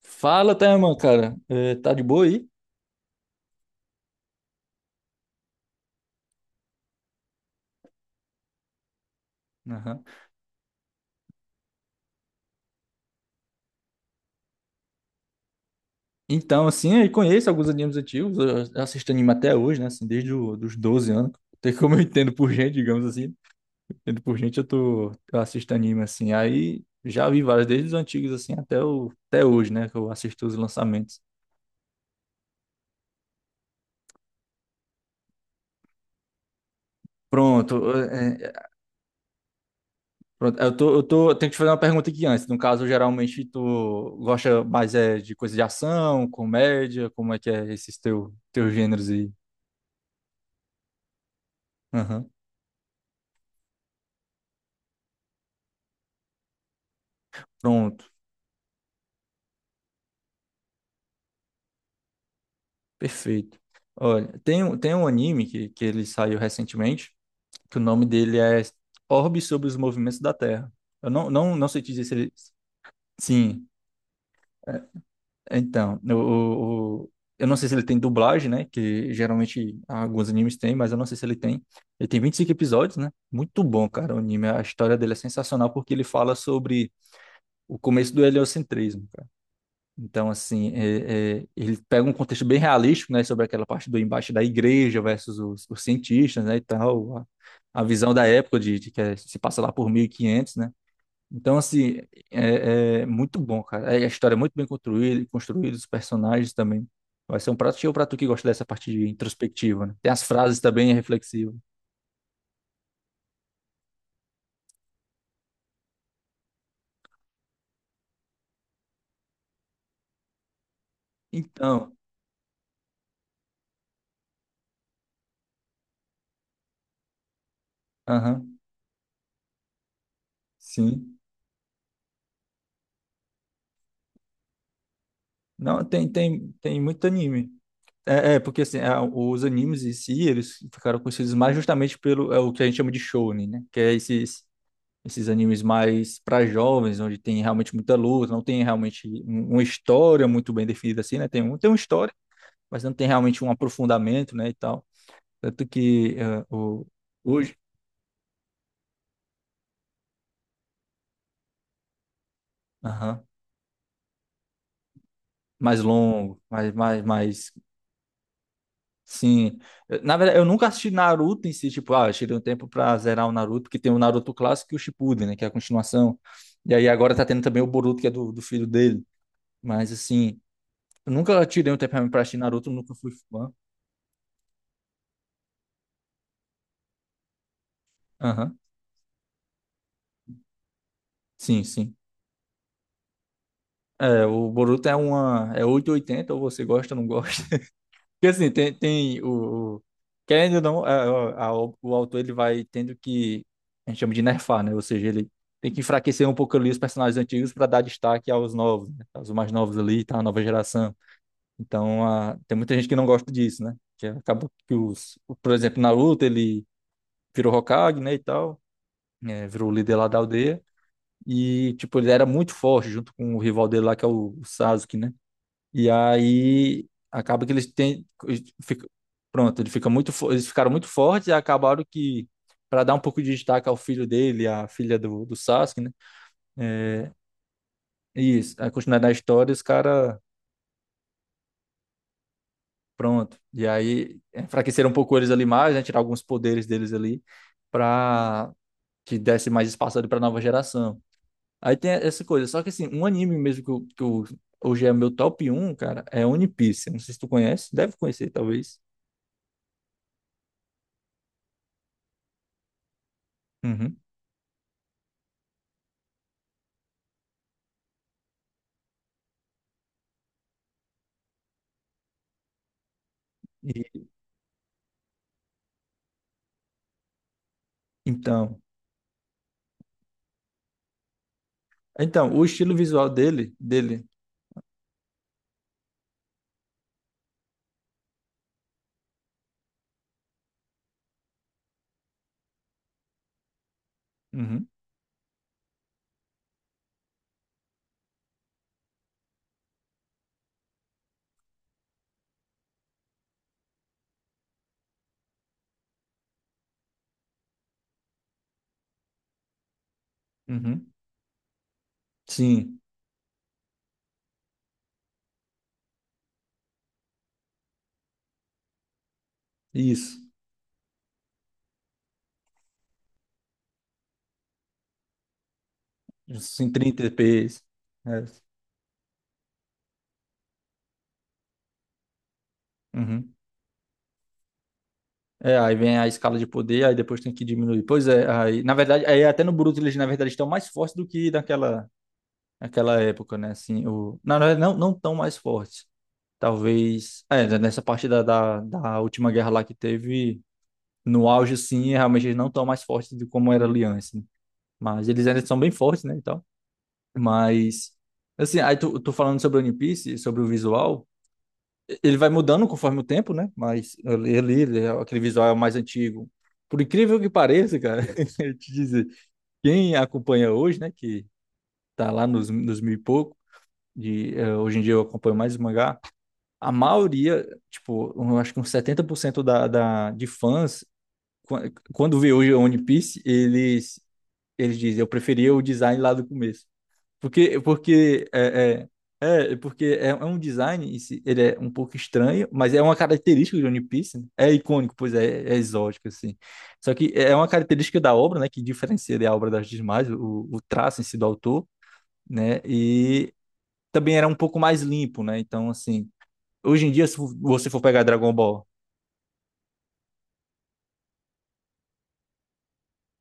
Fala, Thelma, cara. É, tá de boa aí? Aham. Então, assim, eu conheço alguns animes antigos, eu assisto anime até hoje, né? Assim, desde os dos 12 anos. Tem como eu entendo por gente, digamos assim. Entendo por gente, eu assisto anime, assim. Aí já vi vários, desde os antigos, assim, até hoje, né? Que eu assisto os lançamentos. Pronto, pronto. Eu tenho que te fazer uma pergunta aqui antes. No caso, geralmente, tu gosta mais é, de coisa de ação, comédia? Como é que é esses teus gêneros aí? Aham. Pronto. Perfeito. Olha, tem um anime que ele saiu recentemente, que o nome dele é Orbe sobre os Movimentos da Terra. Eu não sei te dizer se ele. Sim, é, então. Eu não sei se ele tem dublagem, né? Que geralmente alguns animes têm, mas eu não sei se ele tem. Ele tem 25 episódios, né? Muito bom, cara, o anime. A história dele é sensacional porque ele fala sobre o começo do heliocentrismo. Então, assim, ele pega um contexto bem realístico, né, sobre aquela parte do embate da igreja versus os cientistas, né, e tal, a visão da época de que se passa lá por 1500, né. Então, assim, é muito bom, cara. É, a história é muito bem construída, construída, os personagens também. Vai ser um prato cheio pra tu que gosta dessa parte de introspectiva, né. Tem as frases também reflexivas. Então, aham, sim. Não, tem muito anime. É, porque assim, os animes em si, eles ficaram conhecidos mais justamente pelo o que a gente chama de shounen, né? Que é esses animes mais para jovens, onde tem realmente muita luta, não tem realmente uma história muito bem definida assim, né? Tem uma história, mas não tem realmente um aprofundamento, né, e tal. Tanto que hoje. Aham. mais longo, mais, mais, mais Sim. Na verdade, eu nunca assisti Naruto em si, tipo, ah, eu tirei um tempo pra zerar o Naruto, porque tem o Naruto clássico e o Shippuden, né, que é a continuação. E aí agora tá tendo também o Boruto, que é do filho dele. Mas, assim, eu nunca tirei um tempo realmente pra assistir Naruto, nunca fui fã. Aham. Sim, sim. É, o Boruto é 880, ou você gosta ou não gosta. Porque assim, tem o, querendo ou não, o autor ele vai tendo que. A gente chama de nerfar, né? Ou seja, ele tem que enfraquecer um pouco ali os personagens antigos para dar destaque aos novos, né? Aos mais novos ali, tá? A nova geração. Então, tem muita gente que não gosta disso, né? Que acaba que os. Por exemplo, Naruto, ele virou Hokage, né? E tal. Né, virou o líder lá da aldeia. E, tipo, ele era muito forte junto com o rival dele lá, que é o Sasuke, né? E aí acaba que eles têm. Pronto, eles ficaram muito fortes e acabaram que, para dar um pouco de destaque ao filho dele, à filha do Sasuke, né? É, isso, a continuidade da história, os caras. Pronto. E aí enfraqueceram um pouco eles ali mais, né? Tirar alguns poderes deles ali, pra que desse mais espaço ali pra nova geração. Aí tem essa coisa. Só que assim, um anime mesmo que, hoje é meu top um, cara, é One Piece. Não sei se tu conhece, deve conhecer, talvez. Uhum. E- então, o estilo visual dele, uhum, uhum, sim, isso, sim, 30 FPS, é, uhum. É, aí vem a escala de poder, aí depois tem que diminuir. Pois é, aí, na verdade, aí até no Bruto eles, na verdade, estão mais fortes do que naquela época, né, assim, na verdade, não tão mais fortes, talvez, né, nessa parte da última guerra lá que teve, no auge, sim, realmente eles não estão mais fortes do como era ali antes, né? Mas eles ainda são bem fortes, né. Mas, assim, aí tu falando sobre o One Piece, sobre o visual, ele vai mudando conforme o tempo, né? Mas aquele visual é o mais antigo. Por incrível que pareça, cara, eu te dizer, quem acompanha hoje, né, que tá lá nos mil e pouco, hoje em dia eu acompanho mais o mangá. A maioria, tipo, eu acho que uns 70% de fãs, quando vê hoje o One Piece, eles dizem, eu preferia o design lá do começo. Porque é um design, em si, ele é um pouco estranho, mas é uma característica de One Piece, né? É icônico, pois é exótico, assim. Só que é uma característica da obra, né, que diferencia da obra das demais, o traço em si do autor, né, e também era um pouco mais limpo, né, então, assim, hoje em dia, se você for pegar Dragon Ball,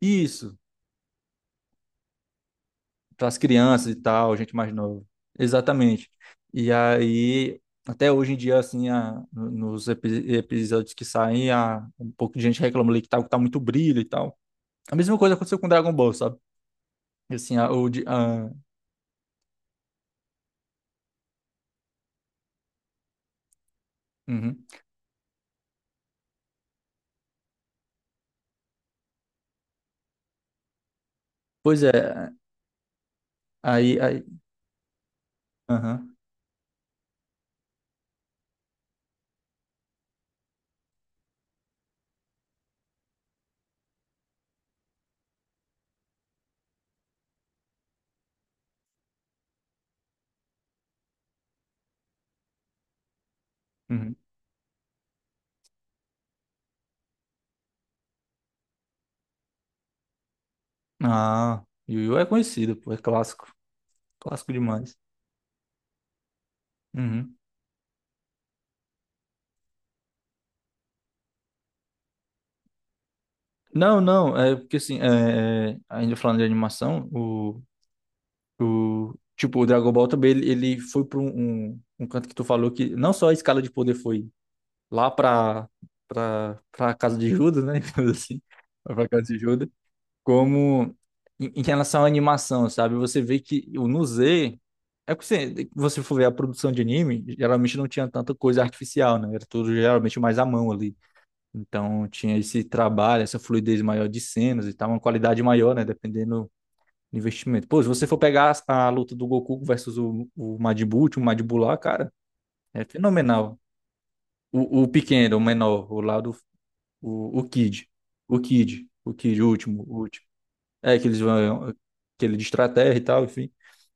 isso. Então, as crianças e tal, gente mais nova. Exatamente. E aí, até hoje em dia, assim, episódios que saem, um pouco de gente reclama ali que tá muito brilho e tal. A mesma coisa aconteceu com Dragon Ball, sabe? Assim, a, o, de- a, uhum. Pois é, aí, aham, uhum. Ah, Yu Yu é conhecido, pô, é clássico, clássico demais. Uhum. Não, não, é porque assim, é, é, ainda falando de animação, o O, tipo, o Dragon Ball também, ele foi para um, um, um canto que tu falou que não só a escala de poder foi lá pra, pra, pra casa de Judas, né? digamos Assim, Lá pra casa de Judas, como em, em relação à animação, sabe? Você vê que o no Z, é que você, você for ver a produção de anime, geralmente não tinha tanta coisa artificial, né? Era tudo geralmente mais à mão ali. Então tinha esse trabalho, essa fluidez maior de cenas e tal, uma qualidade maior, né? Dependendo investimento. Pô, se você for pegar a luta do Goku versus o Madibu lá, cara, é fenomenal. O pequeno, o menor, o lá do. O Kid. O Kid. O Kid, o último, o último. É, que eles vão. Aquele de estratégia e tal, enfim.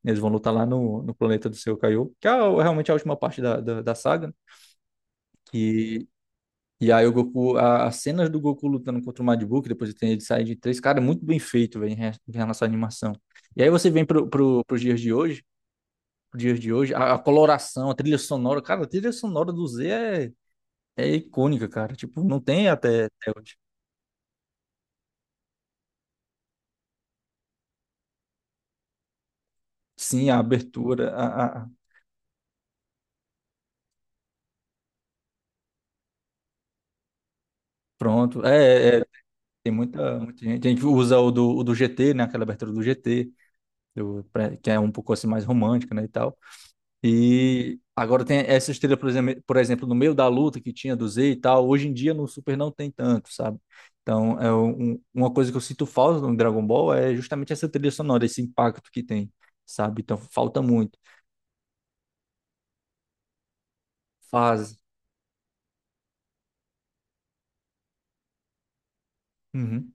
Eles vão lutar lá no, no planeta do seu Kaiô, que é a- realmente a última parte da, da, da saga, né? Que. E aí o Goku, a- as cenas do Goku lutando contra o Majin Buu, que depois tem ele sair de três, cara, é muito bem feito, velho, em re- em relação à animação. E aí você vem pro, pro, pros dias de hoje, os dias de hoje. A coloração, a trilha sonora, cara, a trilha sonora do Z é, é icônica, cara. Tipo, não tem até, até hoje. Sim, a abertura, a- pronto. É, é, tem muita, muita gente. A gente usa o do GT, né? Aquela abertura do GT, do- pra- que é um pouco assim mais romântica, né, e tal. E agora tem essa estrela, por exemplo, no meio da luta que tinha do Z e tal, hoje em dia no Super não tem tanto, sabe? Então, é um- uma coisa que eu sinto falta no Dragon Ball é justamente essa trilha sonora, esse impacto que tem, sabe? Então, falta muito. Fase. Uhum,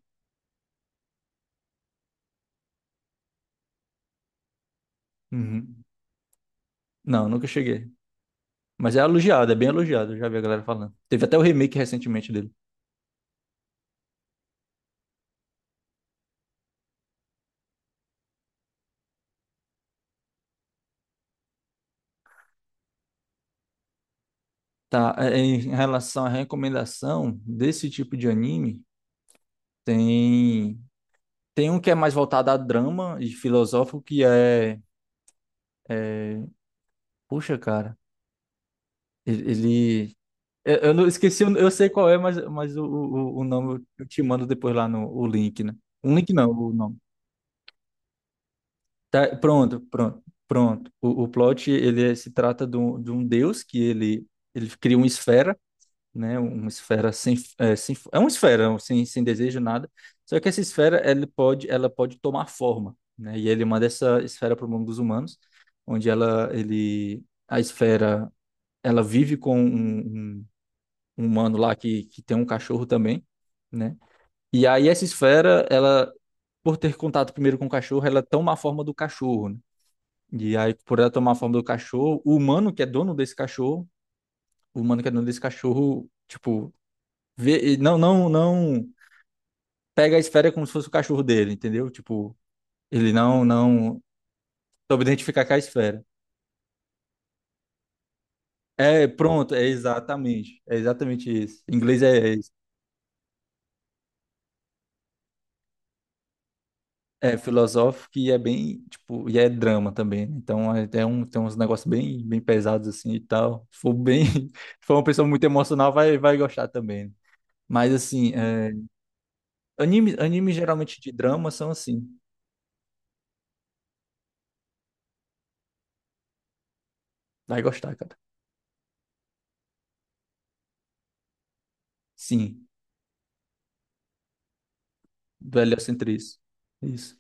uhum. Não, nunca cheguei. Mas é elogiado, é bem elogiado, eu já vi a galera falando. Teve até o remake recentemente dele. Tá, em relação à recomendação desse tipo de anime, tem. Tem um que é mais voltado a drama e filosófico, que é. Puxa, cara, ele. Eu não esqueci, eu sei qual é, mas, o nome eu te mando depois lá no o link, né? Um link não, o nome. Tá, pronto, pronto, pronto. O plot, se trata de um deus que ele cria uma esfera, né? Uma esfera sem desejo nada. Só que essa esfera ela pode tomar forma, né? E ele manda essa esfera para o mundo dos humanos, onde a esfera, ela vive com um- um humano lá que tem um cachorro também, né? E aí essa esfera, ela, por ter contato primeiro com o cachorro, ela toma a forma do cachorro, né? E aí, por ela tomar a forma do cachorro, o humano que é dono desse cachorro, o humano que é dono desse cachorro, tipo, vê, não pega a esfera como se fosse o cachorro dele, entendeu? Tipo, ele não soube identificar com a esfera. É, pronto, é exatamente isso. Em inglês é isso. É filosófico e é bem, tipo, e é drama também. Né? Então tem uns negócios bem, bem pesados assim e tal. Se for bem, se for uma pessoa muito emocional, vai gostar também. Né? Mas assim, anime geralmente de drama são assim. Vai gostar, cara. Sim, do heliocentrismo. Isso.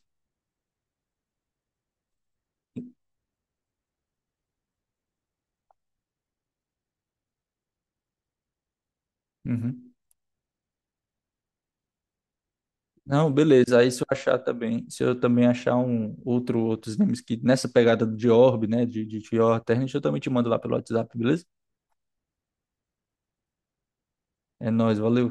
Uhum. Não, beleza. Aí se eu achar também, se eu também achar um outros games que nessa pegada de Orb, né, de Horror Terra, eu também te mando lá pelo WhatsApp, beleza? É nóis, valeu.